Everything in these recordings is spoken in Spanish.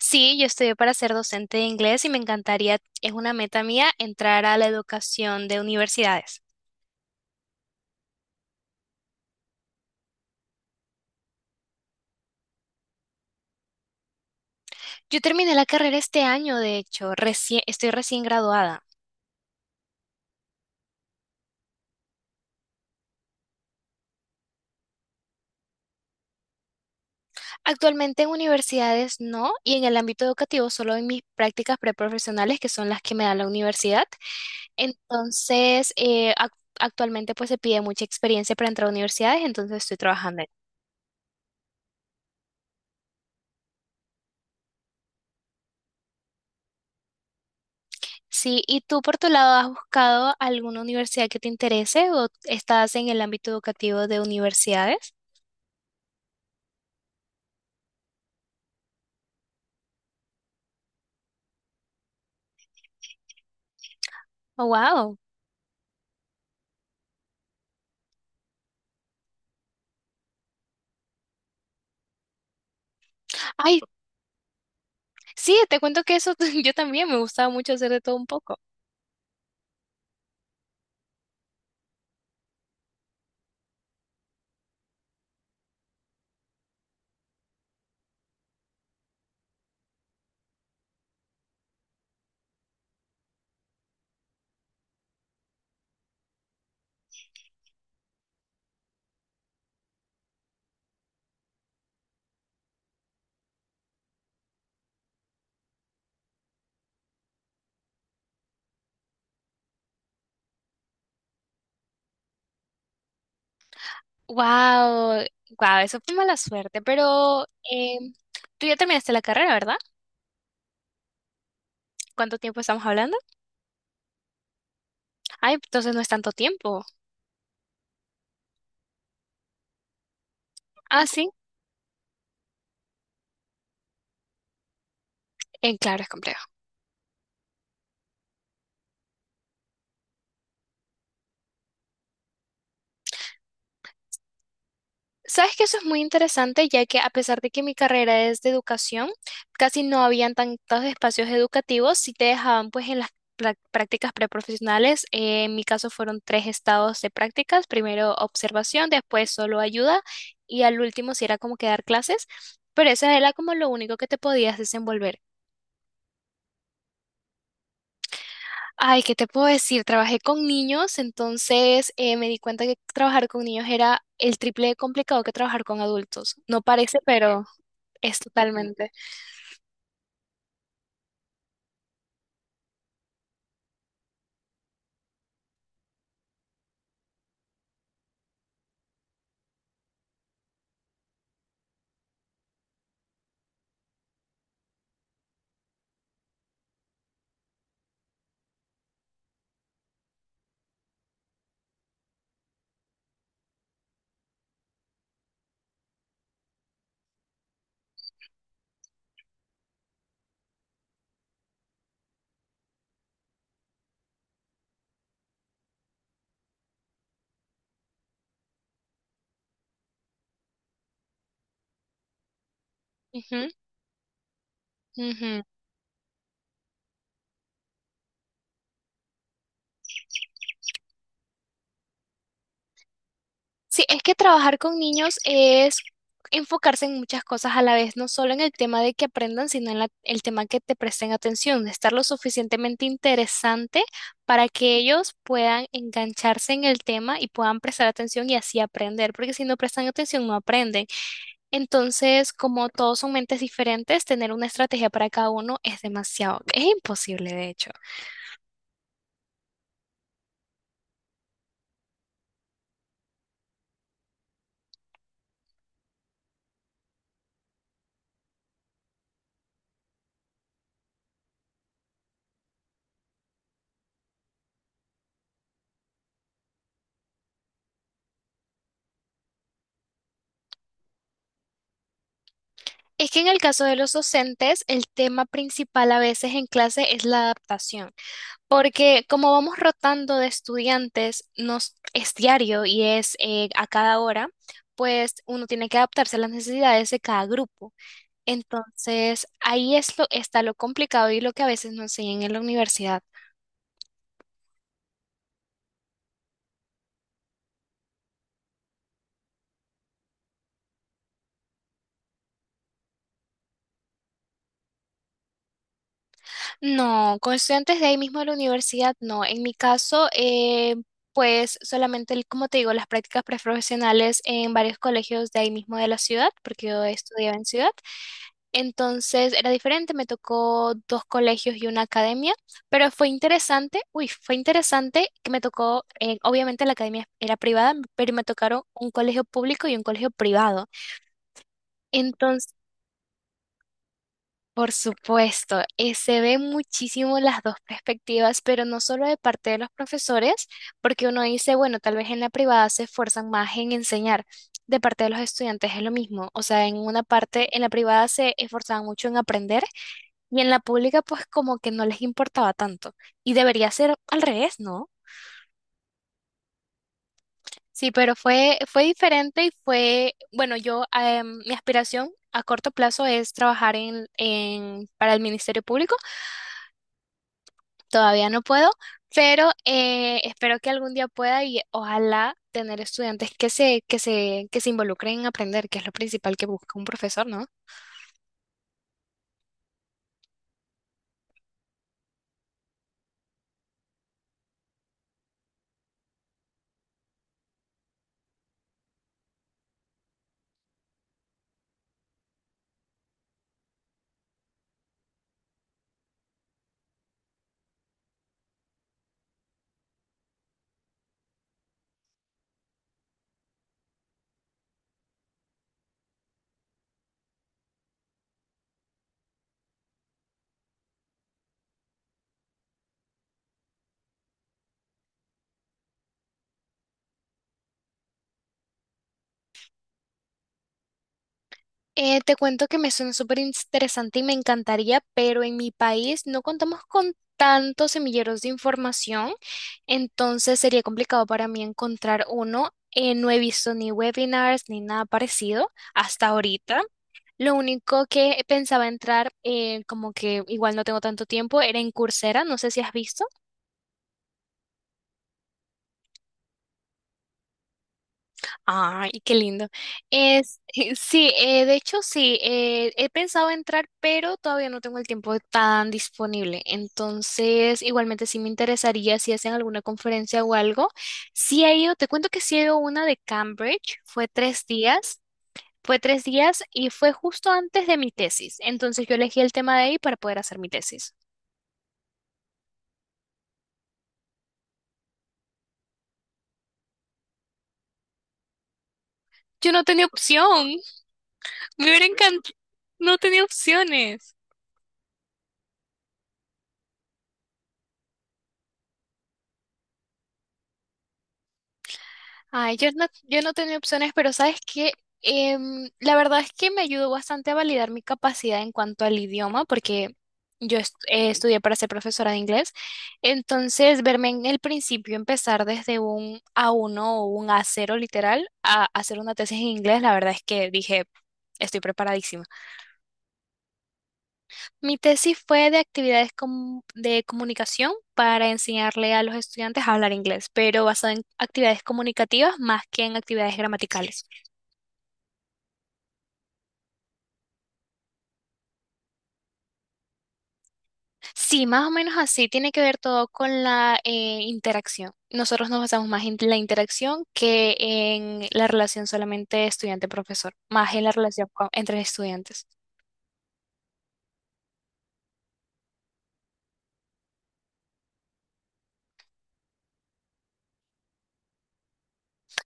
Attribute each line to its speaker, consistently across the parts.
Speaker 1: Sí, yo estudié para ser docente de inglés y me encantaría, es una meta mía, entrar a la educación de universidades. Yo terminé la carrera este año, de hecho, recién, estoy recién graduada. Actualmente en universidades no, y en el ámbito educativo solo en mis prácticas preprofesionales, que son las que me da la universidad. Entonces, actualmente pues se pide mucha experiencia para entrar a universidades, entonces estoy trabajando. Sí, ¿y tú por tu lado has buscado alguna universidad que te interese o estás en el ámbito educativo de universidades? Oh, wow. Ay, sí, te cuento que eso yo también me gustaba mucho hacer de todo un poco. Wow, wow, eso fue mala suerte, pero eh, tú ya terminaste la carrera, ¿verdad? ¿Cuánto tiempo estamos hablando? Ay, entonces no es tanto tiempo. Ah, sí, claro, es complejo. Sabes que eso es muy interesante, ya que a pesar de que mi carrera es de educación, casi no habían tantos espacios educativos, si te dejaban pues en las prácticas preprofesionales. Eh, en mi caso fueron tres estados de prácticas, primero observación, después solo ayuda y al último sí era como que dar clases, pero eso era como lo único que te podías desenvolver. Ay, ¿qué te puedo decir? Trabajé con niños, entonces me di cuenta que trabajar con niños era el triple de complicado que trabajar con adultos. No parece, pero. Es totalmente. Ujú, ujú. Sí, es que trabajar con niños es enfocarse en muchas cosas a la vez, no solo en el tema de que aprendan, sino en el tema que te presten atención, de estar lo suficientemente interesante para que ellos puedan engancharse en el tema y puedan prestar atención y así aprender, porque si no prestan atención no aprenden. Entonces, como todos son mentes diferentes, tener una estrategia para cada uno es demasiado, es imposible de hecho. Es que en el caso de los docentes, el tema principal a veces en clase es la adaptación, porque como vamos rotando de estudiantes, nos es diario y es a cada hora, pues uno tiene que adaptarse a las necesidades de cada grupo. Entonces, ahí es lo, está lo complicado y lo que a veces no enseñan en la universidad. No, con estudiantes de ahí mismo de la universidad, no. En mi caso, pues solamente, como te digo, las prácticas preprofesionales en varios colegios de ahí mismo de la ciudad, porque yo estudiaba en ciudad. Entonces era diferente, me tocó dos colegios y una academia, pero fue interesante, uy, fue interesante que me tocó, obviamente la academia era privada, pero me tocaron un colegio público y un colegio privado. Por supuesto, se ven muchísimo las dos perspectivas, pero no solo de parte de los profesores, porque uno dice, bueno, tal vez en la privada se esfuerzan más en enseñar. De parte de los estudiantes es lo mismo, o sea, en una parte, en la privada se esforzaban mucho en aprender y en la pública pues como que no les importaba tanto. Y debería ser al revés, ¿no? Sí, pero fue diferente y fue, bueno, yo, mi aspiración a corto plazo es trabajar para el Ministerio Público. Todavía no puedo, pero espero que algún día pueda y ojalá tener estudiantes que se involucren en aprender, que es lo principal que busca un profesor, ¿no? Te cuento que me suena súper interesante y me encantaría, pero en mi país no contamos con tantos semilleros de información, entonces sería complicado para mí encontrar uno. No he visto ni webinars ni nada parecido hasta ahorita. Lo único que pensaba entrar, como que igual no tengo tanto tiempo, era en Coursera, no sé si has visto. Ay, qué lindo. Es, sí, de hecho sí, he pensado entrar, pero todavía no tengo el tiempo tan disponible. Entonces, igualmente sí me interesaría si hacen alguna conferencia o algo. Sí he ido, te cuento que sí he ido a una de Cambridge, fue tres días. Fue tres días y fue justo antes de mi tesis. Entonces yo elegí el tema de ahí para poder hacer mi tesis. Yo no tenía opción. Me hubiera encantado. No tenía opciones. Ay, yo no, yo no tenía opciones, pero ¿sabes qué? Em, la verdad es que me ayudó bastante a validar mi capacidad en cuanto al idioma, porque yo estudié para ser profesora de inglés. Entonces, verme en el principio empezar desde un a uno o un a cero literal a hacer una tesis en inglés, la verdad es que dije, estoy preparadísima. Mi tesis fue de actividades de comunicación para enseñarle a los estudiantes a hablar inglés, pero basado en actividades comunicativas más que en actividades gramaticales. Sí, más o menos así, tiene que ver todo con la interacción. Nosotros nos basamos más en la interacción que en la relación solamente estudiante-profesor, más en la relación entre estudiantes.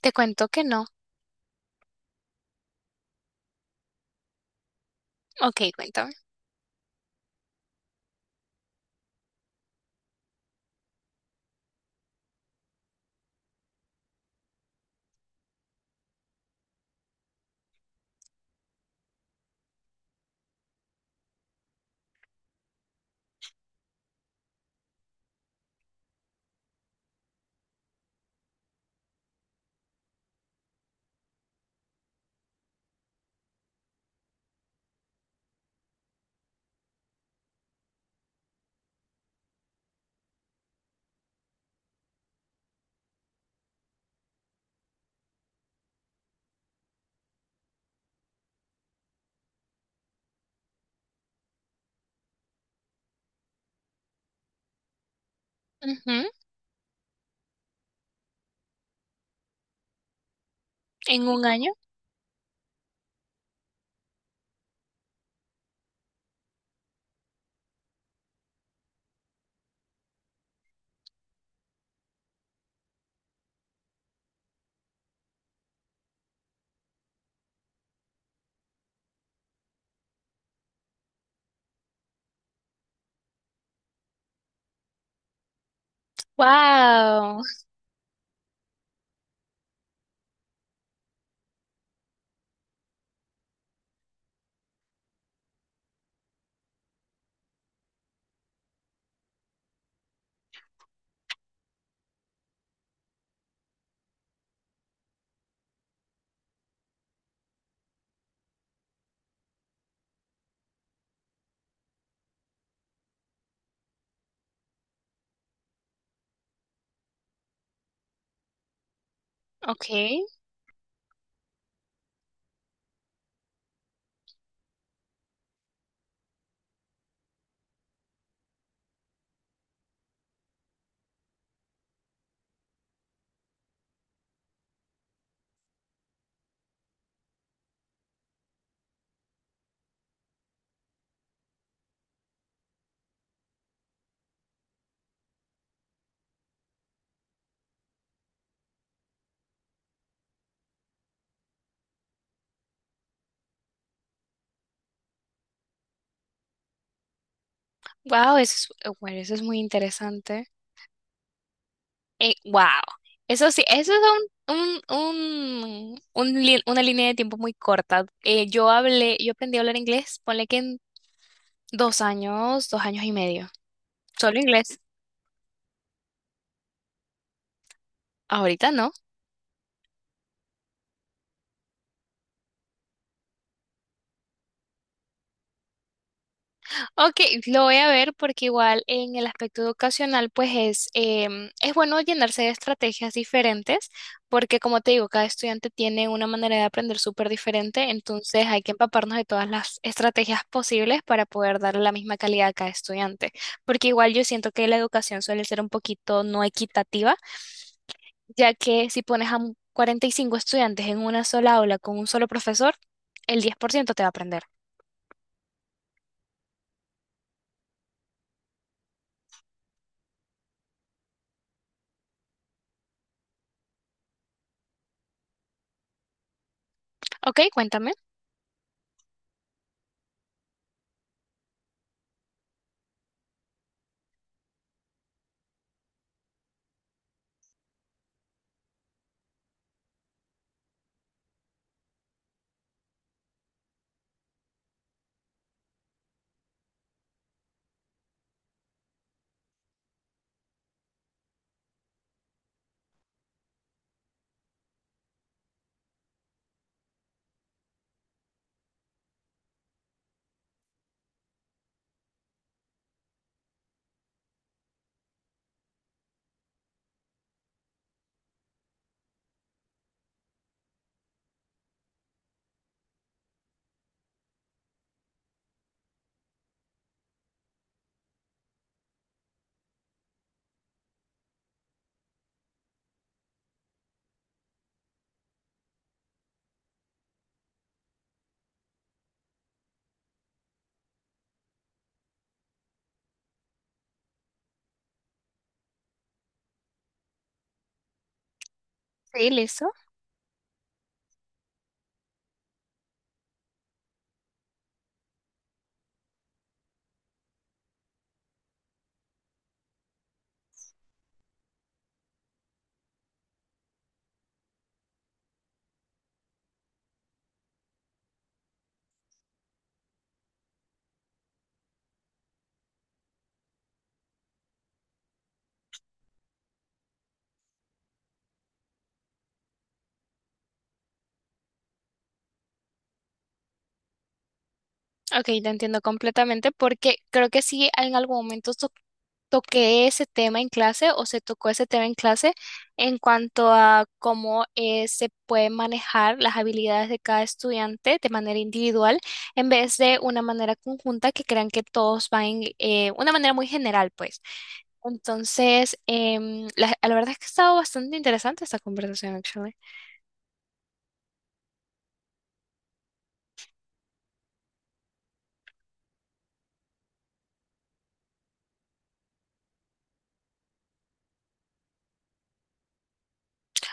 Speaker 1: Te cuento que no. Ok, cuéntame. Ujú. ¿En un año? Wow. Ok. Wow, eso es, bueno, eso es muy interesante. Wow. Eso sí, eso es una línea de tiempo muy corta. Yo hablé, yo aprendí a hablar inglés, ponle que en 2 años, 2 años y medio. Solo inglés. Ahorita no. Ok, lo voy a ver porque igual en el aspecto educacional pues es bueno llenarse de estrategias diferentes porque como te digo, cada estudiante tiene una manera de aprender súper diferente, entonces hay que empaparnos de todas las estrategias posibles para poder darle la misma calidad a cada estudiante, porque igual yo siento que la educación suele ser un poquito no equitativa, ya que si pones a 45 estudiantes en una sola aula con un solo profesor, el 10% te va a aprender. Ok, cuéntame. Sí, listo. Ok, te entiendo completamente porque creo que sí en algún momento toqué ese tema en clase o se tocó ese tema en clase en cuanto a cómo se pueden manejar las habilidades de cada estudiante de manera individual en vez de una manera conjunta que crean que todos van en una manera muy general, pues. Entonces, la verdad es que ha estado bastante interesante esta conversación, actually.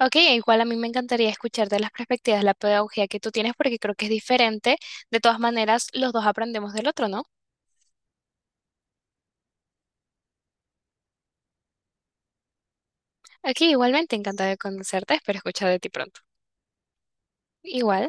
Speaker 1: Ok, e igual a mí me encantaría escuchar de las perspectivas la pedagogía que tú tienes porque creo que es diferente. De todas maneras, los dos aprendemos del otro, ¿no? Aquí igualmente encantada de conocerte, espero escuchar de ti pronto. Igual.